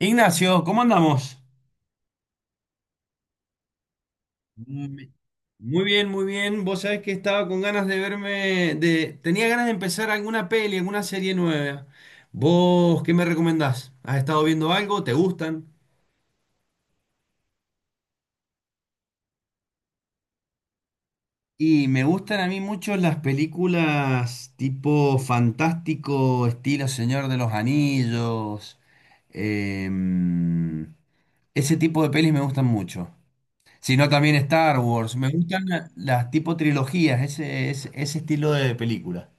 Ignacio, ¿cómo andamos? Mm. Muy bien, muy bien. Vos sabés que estaba con ganas de verme, tenía ganas de empezar alguna peli, alguna serie nueva. ¿Vos qué me recomendás? ¿Has estado viendo algo? ¿Te gustan? Y me gustan a mí mucho las películas tipo fantástico, estilo Señor de los Anillos. em, ese tipo de pelis me gustan mucho. Sino también Star Wars. Me gustan las tipo trilogías, ese estilo de película.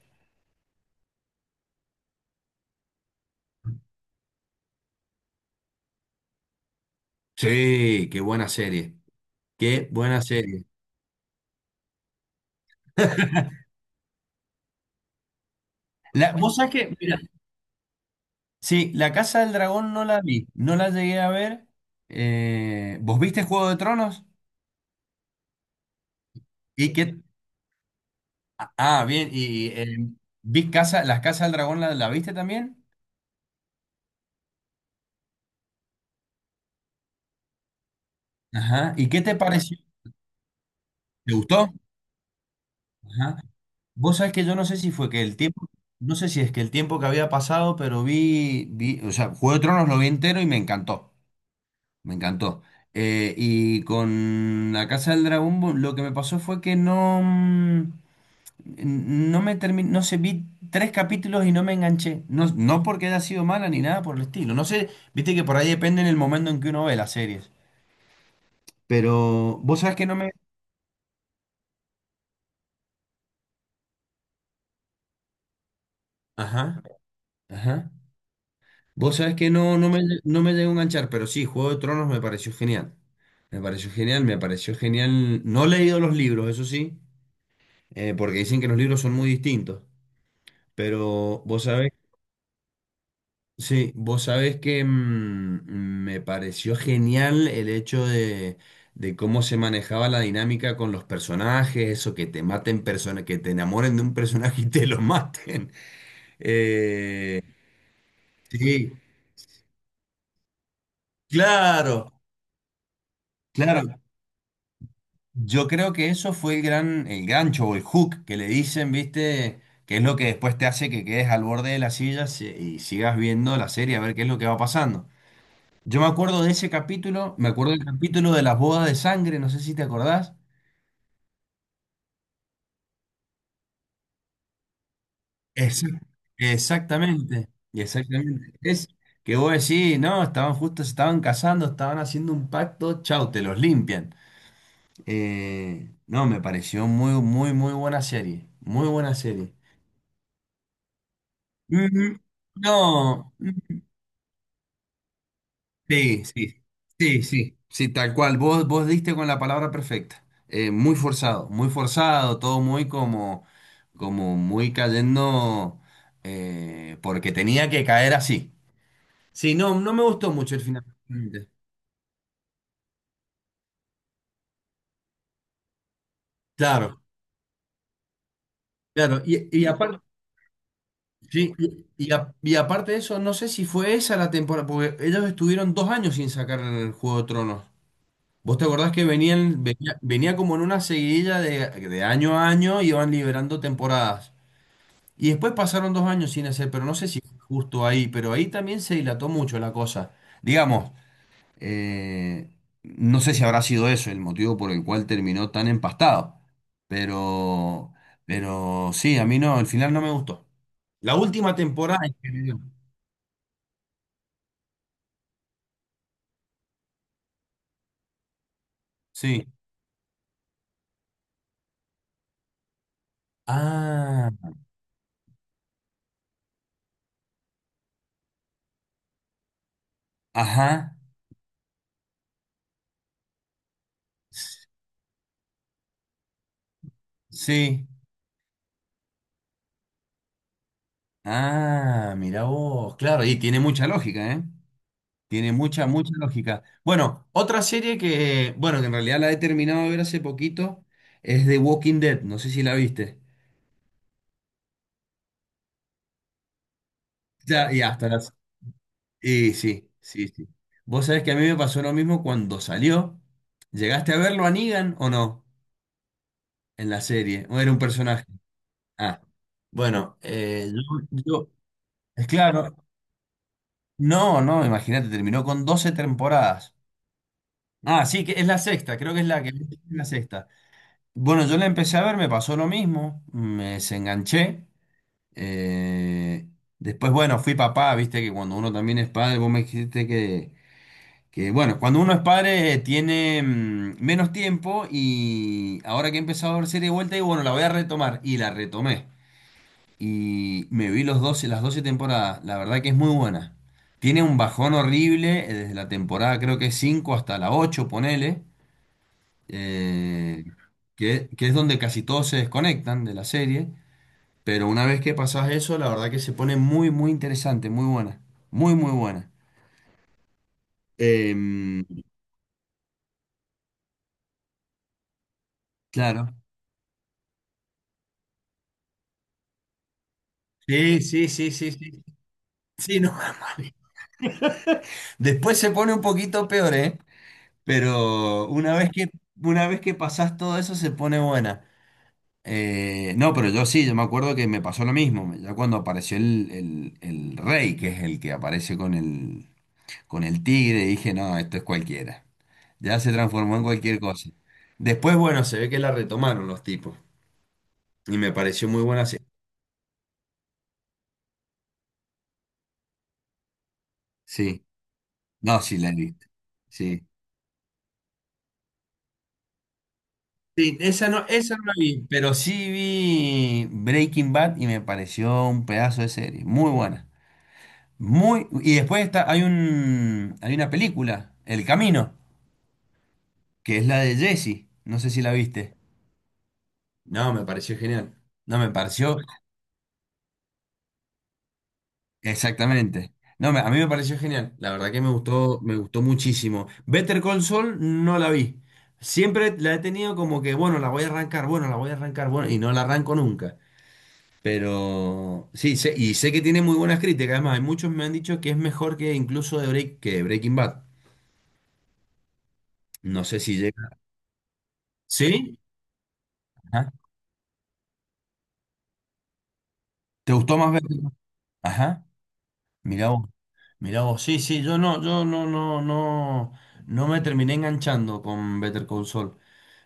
Sí, qué buena serie. Qué buena serie. Vos sabés que, mira, sí, La Casa del Dragón no la vi, no la llegué a ver. ¿Vos viste Juego de Tronos? ¿Y qué? Ah, bien, y Las Casas del Dragón, ¿la viste también? Ajá. ¿Y qué te pareció? ¿Te gustó? Ajá. Vos sabés que yo no sé si fue que el tiempo, no sé si es que el tiempo que había pasado, pero vi, o sea, Juego de Tronos lo vi entero y me encantó, me encantó. Y con La Casa del Dragón lo que me pasó fue que no, no me terminé, no sé, vi tres capítulos y no me enganché. No, no porque haya sido mala ni nada por el estilo. No sé, viste que por ahí depende en el momento en que uno ve las series. Pero vos sabés que no me. Ajá, ajá. Vos sabés que no me llegó a enganchar, pero sí, Juego de Tronos me pareció genial. Me pareció genial, me pareció genial. No he leído los libros, eso sí, porque dicen que los libros son muy distintos. Pero vos sabés, sí, vos sabés que me pareció genial el hecho de, cómo se manejaba la dinámica con los personajes, eso, que te maten personas, que te enamoren de un personaje y te lo maten. Eh, sí, claro, claro. Yo creo que eso fue el gran, el gancho o el hook que le dicen, ¿viste? Que es lo que después te hace que quedes al borde de la silla y sigas viendo la serie a ver qué es lo que va pasando. Yo me acuerdo de ese capítulo, me acuerdo del capítulo de las bodas de sangre, no sé si te acordás. Esa- Exactamente, exactamente. Es que vos decís, no, estaban justo, se estaban casando, estaban haciendo un pacto, chau, te los limpian. No, me pareció muy, muy, muy buena serie, muy buena serie. Mm. No, sí, sí, sí, sí, sí, tal cual. Vos diste con la palabra perfecta. Muy forzado, muy forzado, todo muy como muy cayendo, porque tenía que caer así. Sí, no, no me gustó mucho el final realmente. Claro, claro. Y aparte, sí, y aparte de eso, no sé si fue esa la temporada, porque ellos estuvieron 2 años sin sacar el Juego de Tronos. ¿Vos te acordás que venía como en una seguidilla de, año a año, iban liberando temporadas? Y después pasaron 2 años sin hacer, pero no sé si fue justo ahí, pero ahí también se dilató mucho la cosa. Digamos, eh, no sé si habrá sido eso el motivo por el cual terminó tan empastado, pero, pero sí, a mí no, al final no me gustó. La última temporada en general, sí. Ah, ajá, s- sí. Ah, mira vos, claro, y tiene mucha lógica, ¿eh? Tiene mucha, mucha lógica. Bueno, otra serie que, bueno, que en realidad la he terminado de ver hace poquito, es The Walking Dead, no sé si la viste. Ya, y hasta las. Y sí, sí, sí. Vos sabés que a mí me pasó lo mismo cuando salió. ¿Llegaste a verlo a Negan o no? En la serie, o era un personaje. Ah, bueno, es claro, no, no, imagínate, terminó con 12 temporadas. Ah, sí, que es la sexta, creo que es la sexta. Bueno, yo la empecé a ver, me pasó lo mismo, me desenganché. eh, Después, bueno, fui papá, viste que cuando uno también es padre, vos me dijiste que bueno, cuando uno es padre tiene menos tiempo y ahora que he empezado a ver serie de vuelta, y bueno, la voy a retomar. Y la retomé. Y me vi los 12 las 12 temporadas, la verdad que es muy buena. Tiene un bajón horrible desde la temporada, creo que 5 hasta la 8 ponele eh, que es donde casi todos se desconectan de la serie, pero una vez que pasás eso, la verdad que se pone muy, muy interesante, muy buena, muy, muy buena. Em, claro. Sí, sí, sí, sí, sí. Sí, no, vale. Después se pone un poquito peor, ¿eh? Pero una vez que pasás todo eso, se pone buena. No, pero yo sí, yo me acuerdo que me pasó lo mismo. Ya cuando apareció el rey, que es el que aparece con el tigre, dije, no, esto es cualquiera. Ya se transformó en cualquier cosa. Después, bueno, se ve que la retomaron los tipos. Y me pareció muy buena serie. Sí, no, sí la he visto. Sí. Sí, esa no la vi, pero sí vi Breaking Bad y me pareció un pedazo de serie. Muy buena. Y después está, hay una película, El Camino, que es la de Jesse. No sé si la viste. No, me pareció genial. No, me pareció exactamente. No, a mí me pareció genial. La verdad que me gustó muchísimo. Better Call Saul no la vi. Siempre la he tenido como que, bueno, la voy a arrancar, bueno, la voy a arrancar, bueno, y no la arranco nunca. Pero sí, y sé que tiene muy buenas críticas. Además, hay muchos me han dicho que es mejor que incluso que Breaking Bad. No sé si llega. ¿Sí? Ajá. ¿Te gustó más Better Call Saul? Ajá. Mirá Mirá vos, sí, sí, yo no, no, no, no me terminé enganchando con Better Call Saul.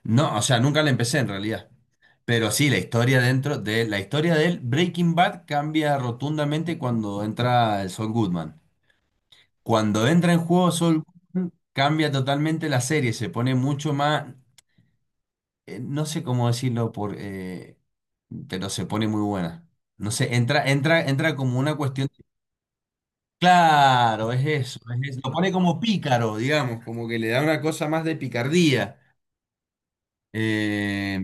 No, o sea, nunca la empecé en realidad. Pero sí, la historia dentro de la historia del Breaking Bad cambia rotundamente cuando entra el Saul Goodman. Cuando entra en juego Saul Goodman, cambia totalmente la serie, se pone mucho más, no sé cómo decirlo pero se pone muy buena. No sé, entra como una cuestión. Claro, es eso, es eso. Lo pone como pícaro, digamos, como que le da una cosa más de picardía. Eh,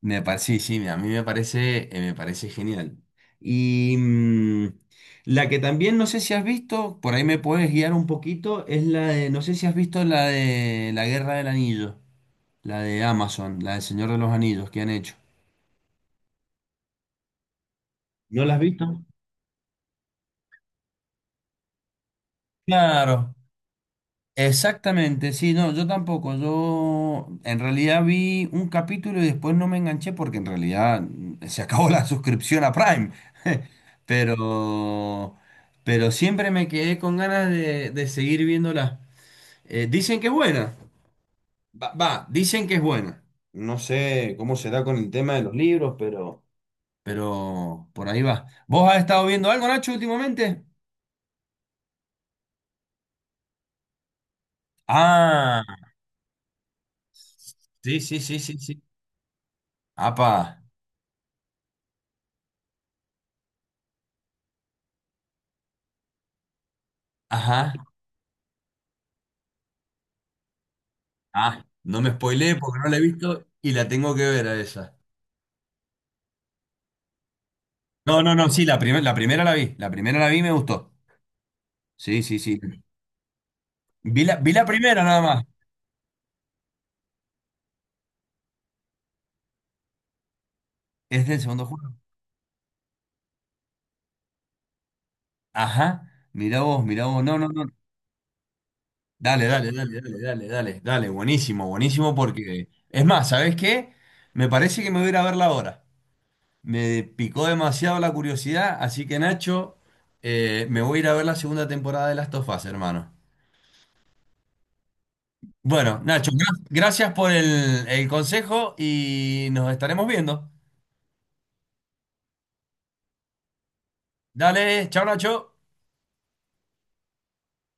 Me parece, sí, sí, a mí me parece genial. Y la que también no sé si has visto, por ahí me puedes guiar un poquito, es la de, no sé si has visto la de La Guerra del Anillo, la de Amazon, la del Señor de los Anillos que han hecho. ¿No la has visto? Claro. Exactamente, sí, no, yo tampoco. Yo en realidad vi un capítulo y después no me enganché porque en realidad se acabó la suscripción a Prime. Pero, pero siempre me quedé con ganas de, seguir viéndola. Dicen que es buena. Va, va, dicen que es buena. No sé cómo será con el tema de los libros, pero por ahí va. ¿Vos has estado viendo algo, Nacho, últimamente? Ah, sí, sí, sí, sí, sí. Apa, ajá. Ah, no me spoileé porque no la he visto y la tengo que ver a esa. No, no, no, sí, la primera la vi. La primera la vi y me gustó. Sí, sí, sí. Vi la primera nada más. Es del segundo juego. Ajá. Mirá vos, mirá vos. No, no, no. Dale, dale, dale, dale, dale, dale, dale. Buenísimo, buenísimo porque. Es más, ¿sabés qué? Me parece que me voy a ir a verla ahora. Me picó demasiado la curiosidad, así que Nacho, me voy a ir a ver la segunda temporada de Last of Us, hermano. Bueno, Nacho, gracias por el, consejo y nos estaremos viendo. Dale, chao, Nacho.